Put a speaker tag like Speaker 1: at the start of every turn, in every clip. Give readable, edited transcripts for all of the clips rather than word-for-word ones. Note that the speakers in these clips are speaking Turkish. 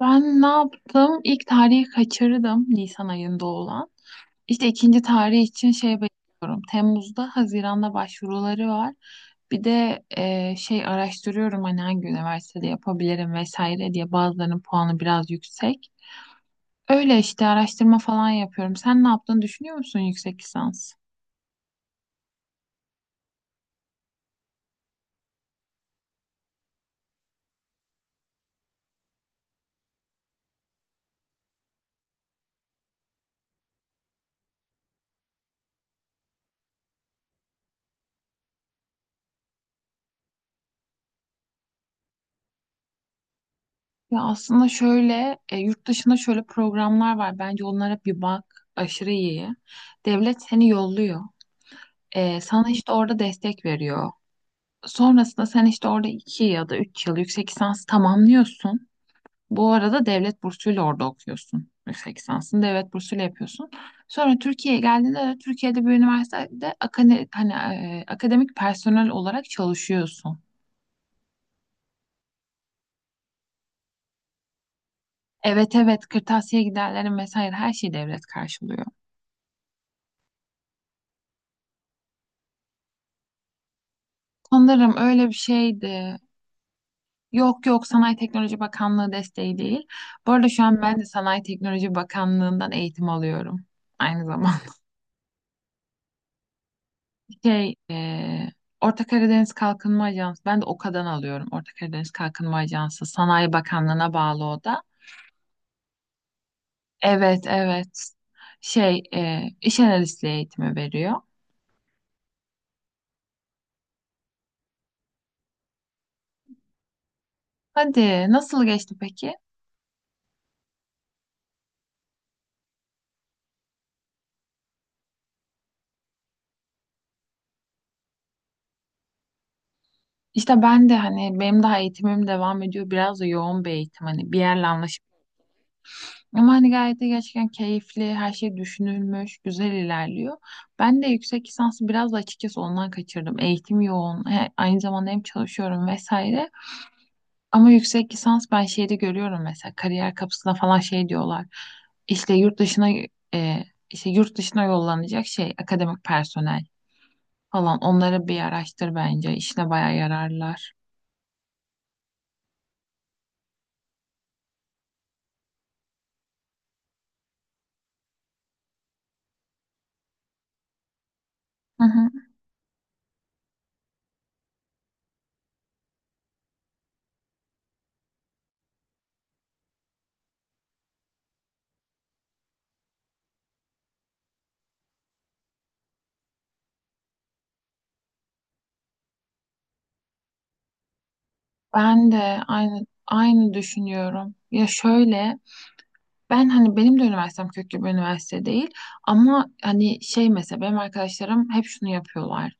Speaker 1: Ben ne yaptım? İlk tarihi kaçırdım Nisan ayında olan. İşte ikinci tarih için şey bekliyorum. Temmuz'da, Haziran'da başvuruları var. Bir de şey araştırıyorum hani hangi üniversitede yapabilirim vesaire diye bazılarının puanı biraz yüksek. Öyle işte araştırma falan yapıyorum. Sen ne yaptığını düşünüyor musun yüksek lisans? Ya aslında şöyle yurt dışında şöyle programlar var. Bence onlara bir bak. Aşırı iyi. Devlet seni yolluyor. Sana işte orada destek veriyor. Sonrasında sen işte orada iki ya da üç yıl yüksek lisans tamamlıyorsun. Bu arada devlet bursuyla orada okuyorsun. Yüksek lisansını devlet bursuyla yapıyorsun. Sonra Türkiye'ye geldiğinde de Türkiye'de bir üniversitede akademik personel olarak çalışıyorsun. Evet, evet, kırtasiye giderlerim vesaire her şeyi devlet karşılıyor. Sanırım öyle bir şeydi. Yok, yok, Sanayi Teknoloji Bakanlığı desteği değil. Bu arada şu an ben de Sanayi Teknoloji Bakanlığı'ndan eğitim alıyorum. Aynı zamanda. Şey, Orta Karadeniz Kalkınma Ajansı. Ben de OKA'dan alıyorum. Orta Karadeniz Kalkınma Ajansı. Sanayi Bakanlığı'na bağlı o da. Evet, evet. Şey, iş analistliği eğitimi veriyor. Hadi, nasıl geçti peki? İşte ben de hani benim daha eğitimim devam ediyor. Biraz da yoğun bir eğitim hani bir yerle anlaşıp. Ama hani gayet de gerçekten keyifli, her şey düşünülmüş, güzel ilerliyor. Ben de yüksek lisansı biraz da açıkçası ondan kaçırdım. Eğitim yoğun, aynı zamanda hem çalışıyorum vesaire. Ama yüksek lisans ben şeyde görüyorum mesela kariyer kapısına falan şey diyorlar. İşte yurt dışına e, işte yurt dışına yollanacak şey akademik personel falan onları bir araştır bence. İşine bayağı yararlar. Hı hı. Ben de aynı aynı düşünüyorum. Ya şöyle, ben hani benim de üniversitem köklü bir üniversite değil ama hani şey mesela benim arkadaşlarım hep şunu yapıyorlar.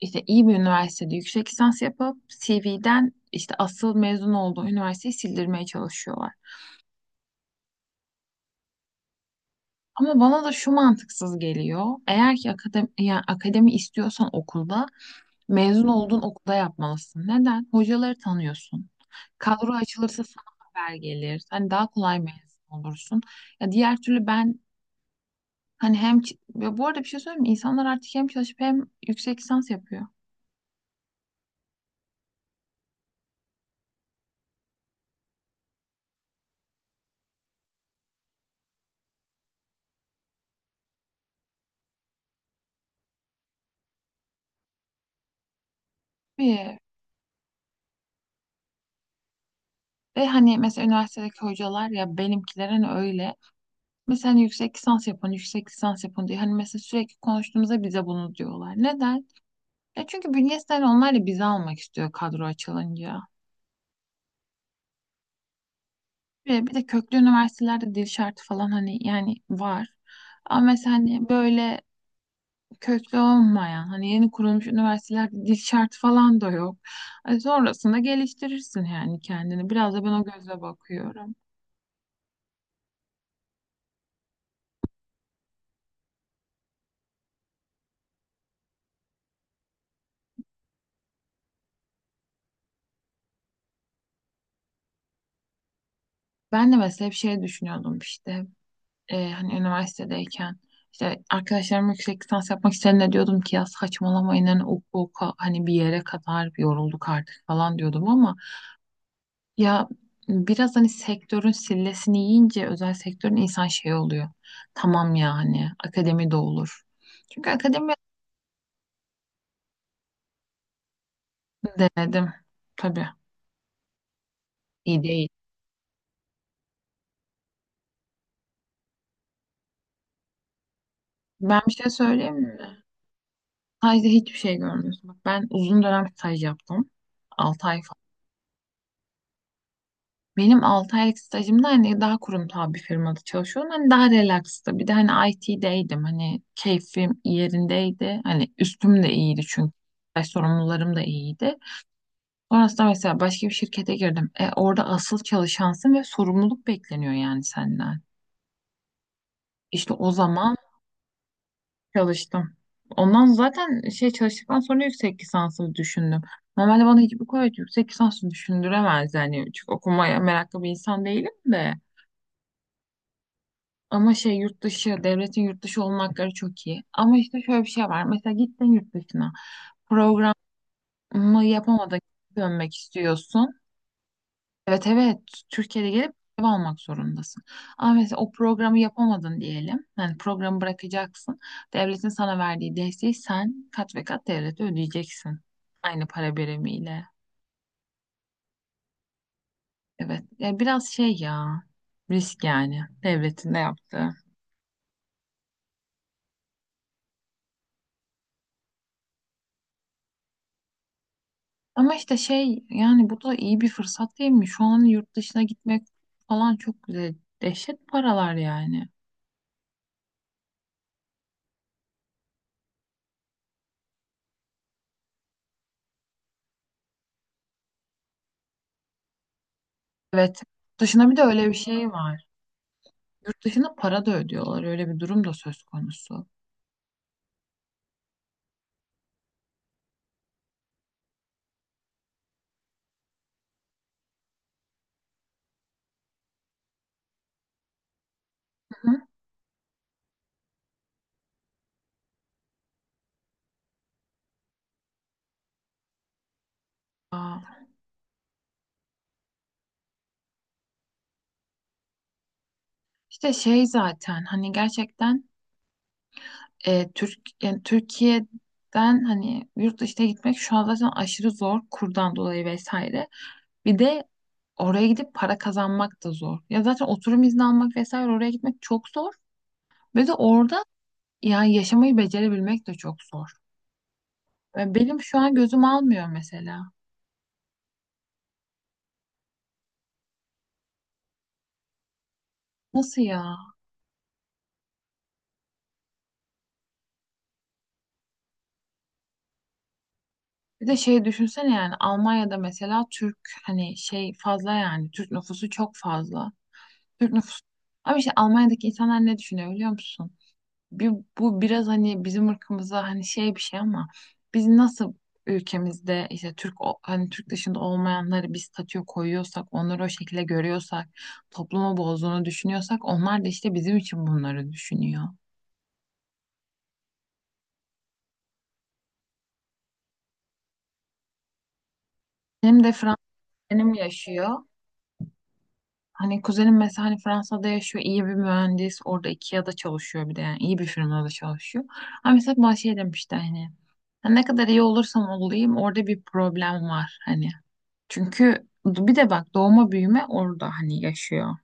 Speaker 1: İşte iyi bir üniversitede yüksek lisans yapıp CV'den işte asıl mezun olduğu üniversiteyi sildirmeye çalışıyorlar. Ama bana da şu mantıksız geliyor. Eğer ki yani akademi istiyorsan okulda mezun olduğun okulda yapmalısın. Neden? Hocaları tanıyorsun. Kadro açılırsa sana haber gelir. Hani daha kolay mezun olursun. Ya diğer türlü ben, hani hem ve bu arada bir şey söyleyeyim mi? İnsanlar artık hem çalışıp hem yüksek lisans yapıyor. Ve, ve hani mesela üniversitedeki hocalar ya benimkiler hani öyle. Mesela hani yüksek lisans yapın, yüksek lisans yapın diye. Hani mesela sürekli konuştuğumuzda bize bunu diyorlar. Neden? Ya çünkü bünyesi hani onlar da bizi almak istiyor kadro açılınca. Ve bir de köklü üniversitelerde dil şartı falan hani yani var. Ama mesela hani böyle köklü olmayan hani yeni kurulmuş üniversitelerde dil şartı falan da yok. Ay, sonrasında geliştirirsin yani kendini. Biraz da ben o gözle bakıyorum. Ben de mesela hep şey düşünüyordum işte hani üniversitedeyken işte arkadaşlarım yüksek lisans yapmak isteyenler diyordum ki ya saçmalamayın hani oku oku hani bir yere kadar yorulduk artık falan diyordum ama ya biraz hani sektörün sillesini yiyince özel sektörün insan şey oluyor. Tamam yani akademi de olur. Çünkü akademi. Denedim. Tabii. İyi değil. Ben bir şey söyleyeyim mi? Stajda hiçbir şey görmüyorsun. Bak ben uzun dönem staj yaptım. 6 ay falan. Benim 6 aylık stajımda hani daha kurumsal bir firmada çalışıyordum. Hani daha relaxtı. Bir de hani IT'deydim. Hani keyfim yerindeydi. Hani üstüm de iyiydi çünkü. Staj sorumlularım da iyiydi. Sonrasında mesela başka bir şirkete girdim. Orada asıl çalışansın ve sorumluluk bekleniyor yani senden. İşte o zaman çalıştım. Ondan zaten şey çalıştıktan sonra yüksek lisansı düşündüm. Normalde bana hiçbir kolej yüksek lisansı düşündüremez yani. Çünkü okumaya meraklı bir insan değilim de. Ama şey yurt dışı, devletin yurt dışı olma hakları çok iyi. Ama işte şöyle bir şey var. Mesela gittin yurt dışına. Programı yapamadın, dönmek istiyorsun. Evet, evet, Türkiye'de gelip ev almak zorundasın. Ama mesela o programı yapamadın diyelim. Yani programı bırakacaksın. Devletin sana verdiği desteği sen kat ve kat devlete ödeyeceksin. Aynı para birimiyle. Evet. Ya biraz şey ya. Risk yani. Devletin de yaptığı. Ama işte şey yani bu da iyi bir fırsat değil mi? Şu an yurt dışına gitmek falan çok güzel. Dehşet paralar yani. Evet. Dışına bir de öyle bir şey var. Yurt dışına para da ödüyorlar. Öyle bir durum da söz konusu. Hı? Aa, işte şey zaten hani gerçekten Türk yani Türkiye'den hani yurt dışına gitmek şu an zaten aşırı zor kurdan dolayı vesaire. Bir de oraya gidip para kazanmak da zor. Ya zaten oturum izni almak vesaire oraya gitmek çok zor. Ve de orada ya yaşamayı becerebilmek de çok zor. Ve benim şu an gözüm almıyor mesela. Nasıl ya? Bir de şey düşünsene yani Almanya'da mesela Türk hani şey fazla yani Türk nüfusu çok fazla. Türk nüfusu. Ama işte Almanya'daki insanlar ne düşünüyor biliyor musun? Bir, bu biraz hani bizim ırkımıza hani şey bir şey ama biz nasıl ülkemizde işte Türk hani Türk dışında olmayanları bir statüye koyuyorsak, onları o şekilde görüyorsak, toplumu bozduğunu düşünüyorsak onlar da işte bizim için bunları düşünüyor. Benim de Fransız benim yaşıyor. Hani kuzenim mesela hani Fransa'da yaşıyor, iyi bir mühendis, orada IKEA'da çalışıyor bir de yani iyi bir firmada çalışıyor. Ama mesela bana şey demişti hani: "Ya ne kadar iyi olursam olayım orada bir problem var hani. Çünkü bir de bak doğma büyüme orada hani yaşıyor.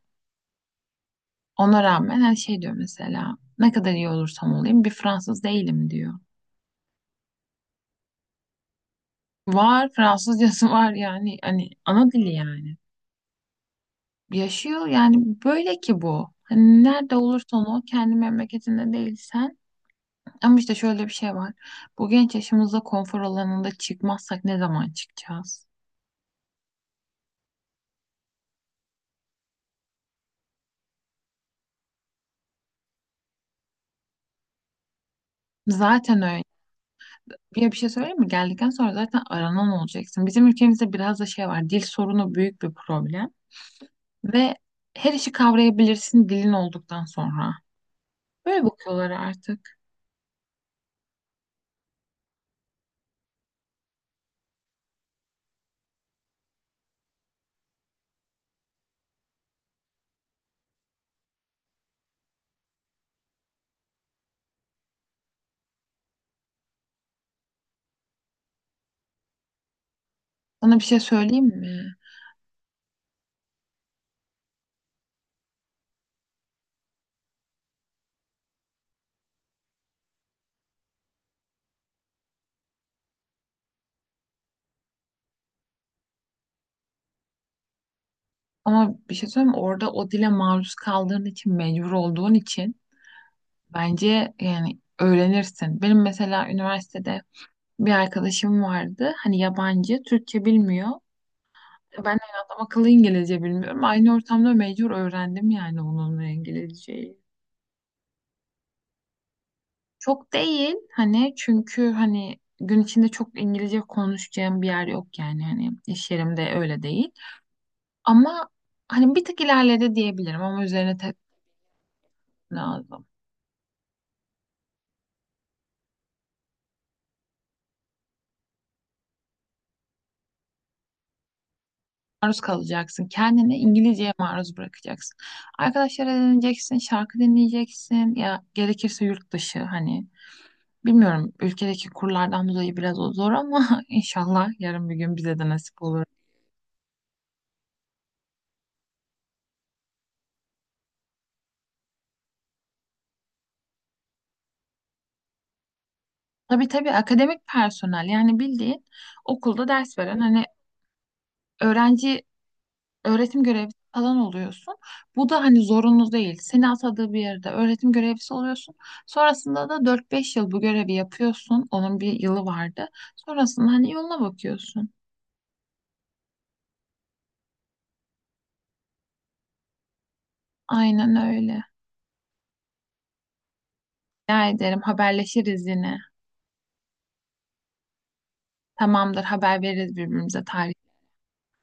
Speaker 1: Ona rağmen her şey diyor mesela ne kadar iyi olursam olayım bir Fransız değilim diyor. Var Fransızcası var yani hani ana dili yani. Yaşıyor yani böyle ki bu. Hani nerede olursan ol kendi memleketinde değilsen. Ama işte şöyle bir şey var. Bu genç yaşımızda konfor alanında çıkmazsak ne zaman çıkacağız? Zaten öyle. Bir şey söyleyeyim mi? Geldikten sonra zaten aranan olacaksın. Bizim ülkemizde biraz da şey var. Dil sorunu büyük bir problem. Ve her işi kavrayabilirsin dilin olduktan sonra. Böyle bakıyorlar artık. Sana bir şey söyleyeyim mi? Ama bir şey söyleyeyim mi? Orada o dile maruz kaldığın için, mecbur olduğun için bence yani öğrenirsin. Benim mesela üniversitede bir arkadaşım vardı. Hani yabancı, Türkçe bilmiyor. Ben de hani adam akıllı İngilizce bilmiyorum. Aynı ortamda mecbur öğrendim yani onunla İngilizceyi. Çok değil hani çünkü hani gün içinde çok İngilizce konuşacağım bir yer yok yani hani iş yerimde öyle değil. Ama hani bir tık ilerledi diyebilirim ama üzerine tek lazım. Maruz kalacaksın. Kendini İngilizceye maruz bırakacaksın. Arkadaşlara dinleyeceksin, şarkı dinleyeceksin ya gerekirse yurt dışı hani. Bilmiyorum ülkedeki kurlardan dolayı biraz o zor ama inşallah yarın bir gün bize de nasip olur. Tabii tabii akademik personel yani bildiğin okulda ders veren hani öğrenci öğretim görevlisi falan oluyorsun. Bu da hani zorunlu değil. Seni atadığı bir yerde öğretim görevlisi oluyorsun. Sonrasında da 4 5 yıl bu görevi yapıyorsun. Onun bir yılı vardı. Sonrasında hani yoluna bakıyorsun. Aynen öyle. Rica ederim haberleşiriz yine. Tamamdır haber veririz birbirimize tarih.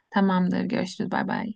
Speaker 1: Tamamdır görüşürüz bay bay.